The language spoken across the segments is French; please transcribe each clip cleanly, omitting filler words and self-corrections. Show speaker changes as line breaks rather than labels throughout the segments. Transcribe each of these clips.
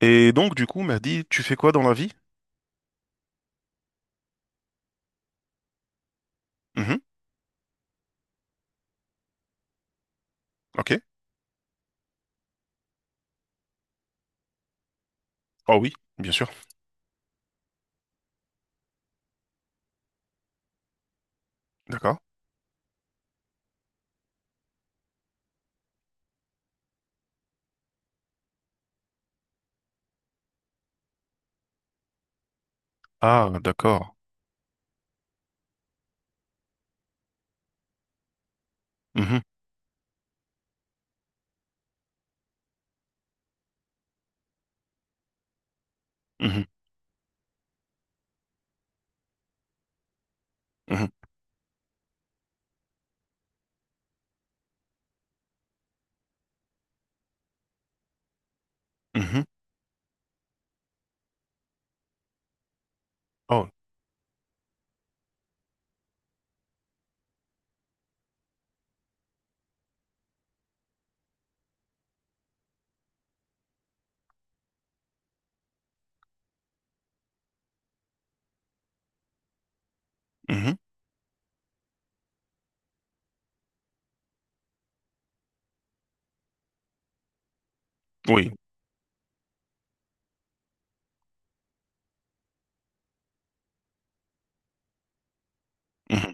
Et donc, du coup, m'a dit, tu fais quoi dans la vie? Mhm, ok. Oh oui, bien sûr. D'accord. Ah, d'accord. Mhm, mhm, mhm, mhm. Oh, mhm, oui. Mhm,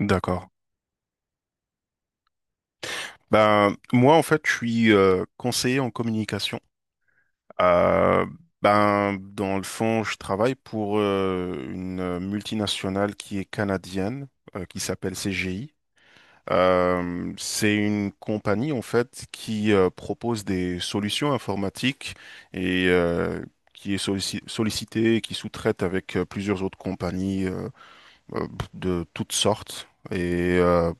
d'accord. Ben, moi, en fait, je suis conseiller en communication. Euh, ben, dans le fond, je travaille pour une multinationale qui est canadienne, qui s'appelle CGI. C'est une compagnie en fait qui propose des solutions informatiques et qui est sollicitée et qui sous-traite avec plusieurs autres compagnies euh, de toutes sortes et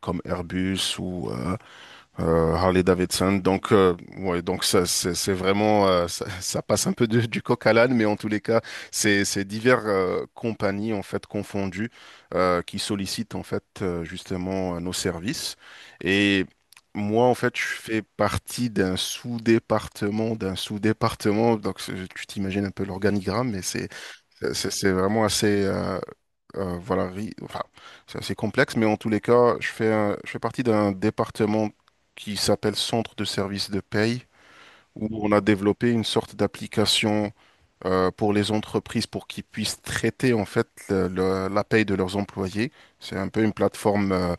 comme Airbus ou Harley Davidson. Donc, ouais, donc ça, c'est vraiment, ça passe un peu du coq à l'âne, mais en tous les cas, c'est divers compagnies en fait confondues qui sollicitent en fait justement nos services. Et moi, en fait, je fais partie d'un sous-département, d'un sous-département. Donc, c'est- tu t'imagines un peu l'organigramme, mais c'est vraiment assez. Voilà, enfin, c'est assez complexe, mais en tous les cas, je fais partie d'un département qui s'appelle Centre de services de paye, où on a développé une sorte d'application pour les entreprises pour qu'ils puissent traiter en fait la paye de leurs employés. C'est un peu une plateforme euh,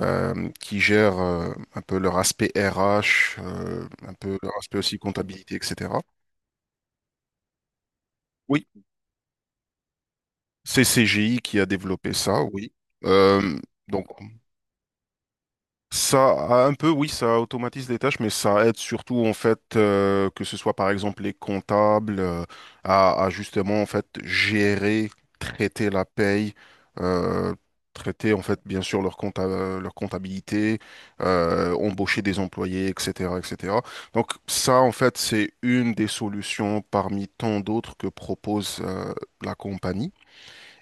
euh, qui gère un peu leur aspect RH, un peu leur aspect aussi comptabilité, etc. Oui, c'est CGI qui a développé ça, oui. Euh, donc ça, a un peu, oui, ça automatise des tâches, mais ça aide surtout, en fait, que ce soit, par exemple, les comptables, à justement, en fait, gérer, traiter la paye, euh, traiter, en fait, bien sûr, leur leur comptabilité, embaucher des employés, etc., etc. Donc, ça, en fait, c'est une des solutions parmi tant d'autres que propose, la compagnie.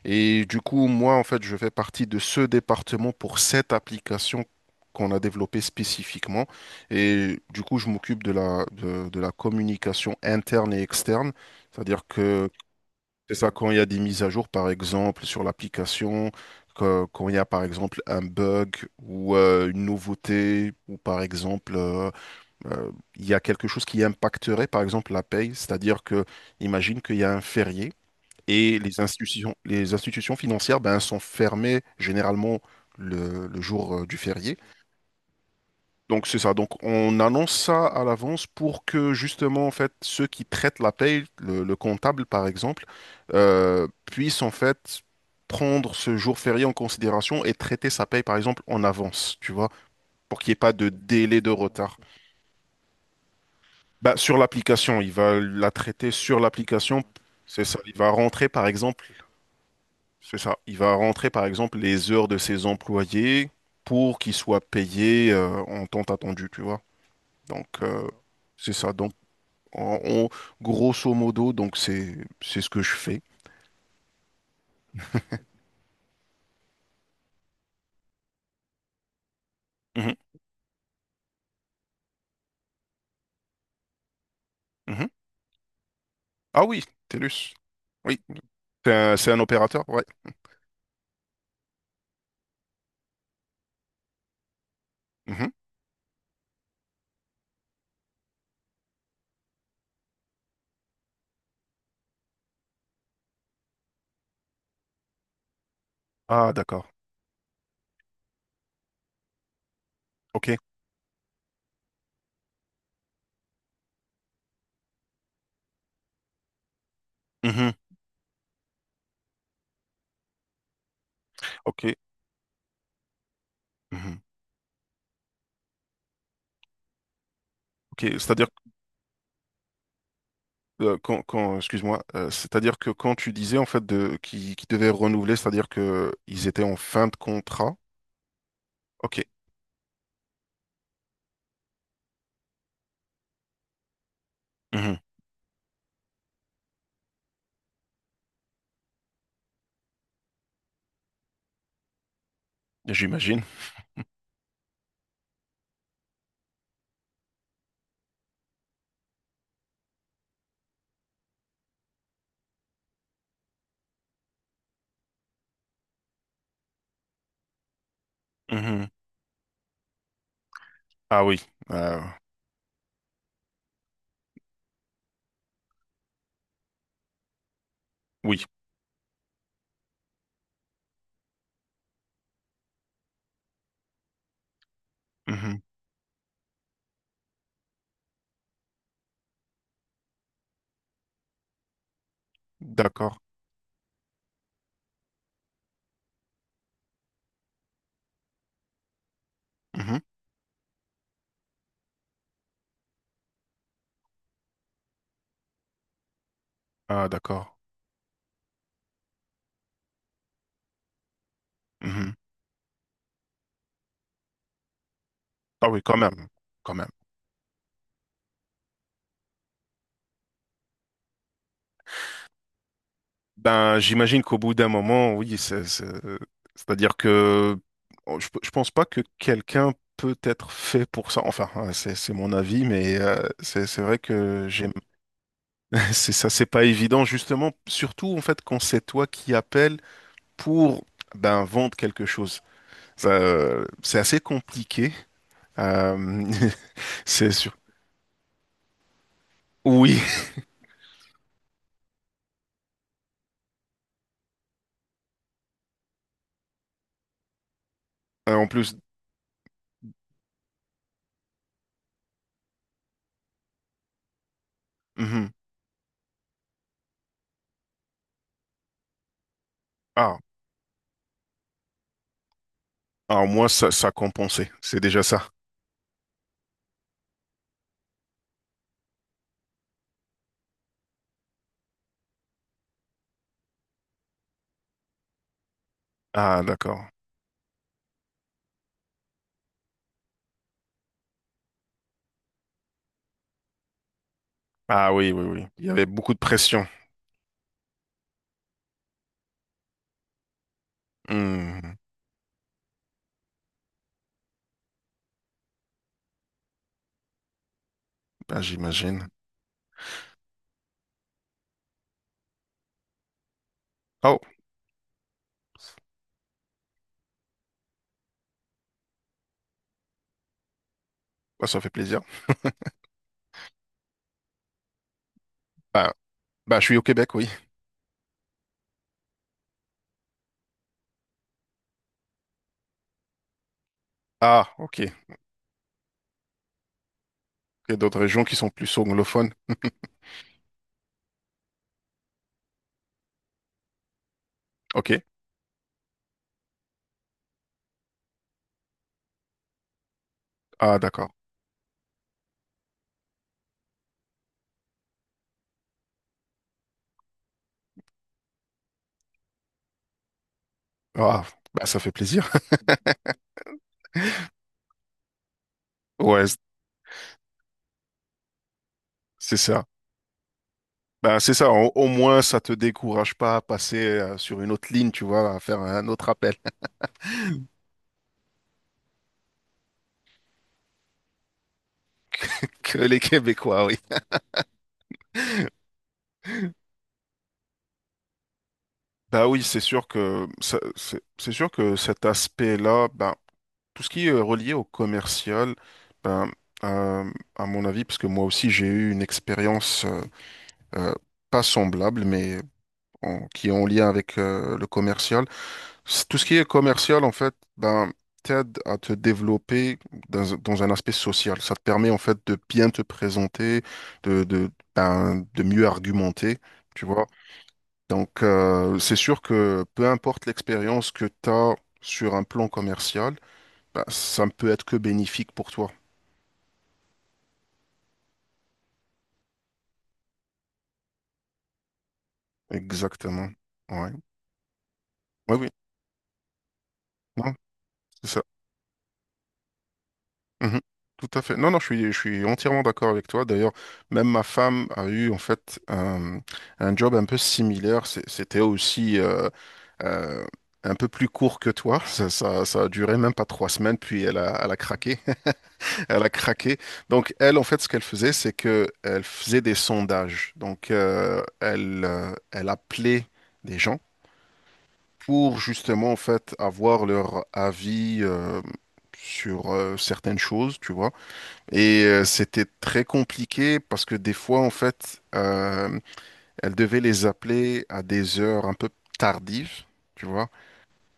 Et du coup, moi, en fait, je fais partie de ce département pour cette application qu'on a développée spécifiquement. Et du coup, je m'occupe de la, de la communication interne et externe. C'est-à-dire que c'est ça quand il y a des mises à jour, par exemple, sur l'application, que- quand il y a, par exemple, un bug ou une nouveauté, ou par exemple, euh, il y a quelque chose qui impacterait, par exemple, la paye. C'est-à-dire que, imagine qu'il y a un férié et les institutions financières ben, sont fermées généralement le jour du férié. Donc c'est ça. Donc on annonce ça à l'avance pour que justement en fait ceux qui traitent la paye, le comptable par exemple, puissent en fait prendre ce jour férié en considération et traiter sa paye par exemple en avance, tu vois, pour qu'il n'y ait pas de délai de retard. Bah, sur l'application, il va la traiter sur l'application. C'est ça. Il va rentrer par exemple C'est ça. Il va rentrer par exemple les heures de ses employés pour qu'ils soient payés en temps attendu, tu vois. Donc euh, c'est ça. Donc en- on- grosso modo, donc c'est ce que je fais. Mhm, mhm. Ah oui, TELUS. Oui, c'est un opérateur, ouais. Mhm. Ah d'accord. Ok. Mhm. Ok. Mhm. Ok. C'est-à-dire que, excuse-moi, c'est-à-dire que quand tu disais en fait de qui devait renouveler, c'est-à-dire que ils étaient en fin de contrat. Ok. Mhm. J'imagine. Mhm. Ah oui, euh, oui. Mhm. D'accord. Mhm. Ah d'accord. Mhm. Ah oui, quand même, quand même. Ben, j'imagine qu'au bout d'un moment, oui, c'est-à-dire que oh, je pense pas que quelqu'un peut être fait pour ça. Enfin, hein, c'est mon avis, mais c'est vrai que j'aime. C'est ça, c'est pas évident, justement, surtout en fait quand c'est toi qui appelles pour ben vendre quelque chose. Ça, c'est assez compliqué. Euh, c'est Oui, en plus. Mhm. Ah, ah, moi, ça compensait. C'est déjà ça. Ah, d'accord. Ah oui, oui, oui. Il y avait beaucoup de pression. Hmm, bah, j'imagine. Oh, bah, ça fait plaisir. Bah, bah, je suis au Québec, oui. Ah, ok. Il y a d'autres régions qui sont plus anglophones. Ok. Ah, d'accord. Ah, bah, ça fait plaisir. Ouais, c'est ça. Bah, c'est ça. Au moins, ça te décourage pas à passer sur une autre ligne, tu vois, à faire un autre appel. Que les Québécois, oui. Bah oui, c'est sûr que c'est sûr que cet aspect-là, ben, tout ce qui est relié au commercial, ben, euh, à mon avis, parce que moi aussi j'ai eu une expérience euh, pas semblable, mais qui est en lien avec le commercial. Tout ce qui est commercial, en fait, ben, t'aide à te développer dans un aspect social. Ça te permet en fait de bien te présenter, ben, de mieux argumenter, tu vois. Donc, c'est sûr que peu importe l'expérience que tu as sur un plan commercial, bah, ça ne peut être que bénéfique pour toi. Exactement. Ouais. Oui, oui. Non, c'est ça. Mhm. Tout à fait. Non, non, je suis entièrement d'accord avec toi. D'ailleurs, même ma femme a eu en fait un job un peu similaire. C'était aussi euh, un peu plus court que toi. Ça a duré même pas 3 semaines, puis elle a craqué. Elle a craqué. Donc, elle, en fait, ce qu'elle faisait, c'est que elle faisait des sondages. Donc, elle, elle appelait des gens pour justement, en fait, avoir leur avis sur certaines choses, tu vois. Et c'était très compliqué parce que des fois, en fait, elle devait les appeler à des heures un peu tardives. Tu vois,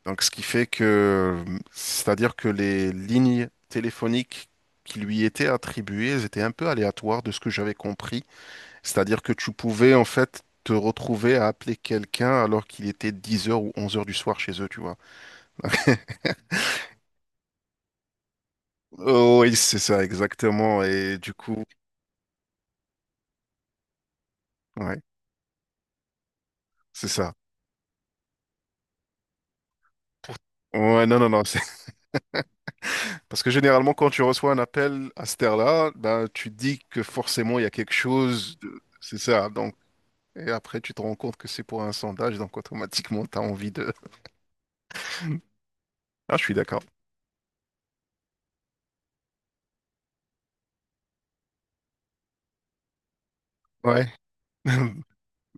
donc, ce qui fait que, c'est-à-dire que les lignes téléphoniques qui lui étaient attribuées, elles étaient un peu aléatoires de ce que j'avais compris. C'est-à-dire que tu pouvais, en fait, te retrouver à appeler quelqu'un alors qu'il était 10 heures ou 11 heures du soir chez eux, tu vois. Oh, oui, c'est ça, exactement. Et du coup, ouais, c'est ça. Ouais, non, non, non. Parce que généralement, quand tu reçois un appel à cette heure-là, ben, tu dis que forcément, il y a quelque chose. C'est ça. Donc et après, tu te rends compte que c'est pour un sondage, donc automatiquement, tu as envie de... Ah, je suis d'accord. Ouais.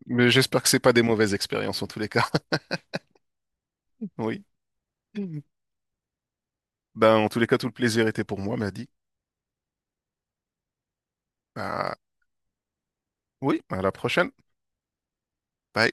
Mais j'espère que c'est pas des mauvaises expériences en tous les cas. Oui. Ben, en tous les cas, tout le plaisir était pour moi, m'a dit. Oui, à la prochaine. Bye.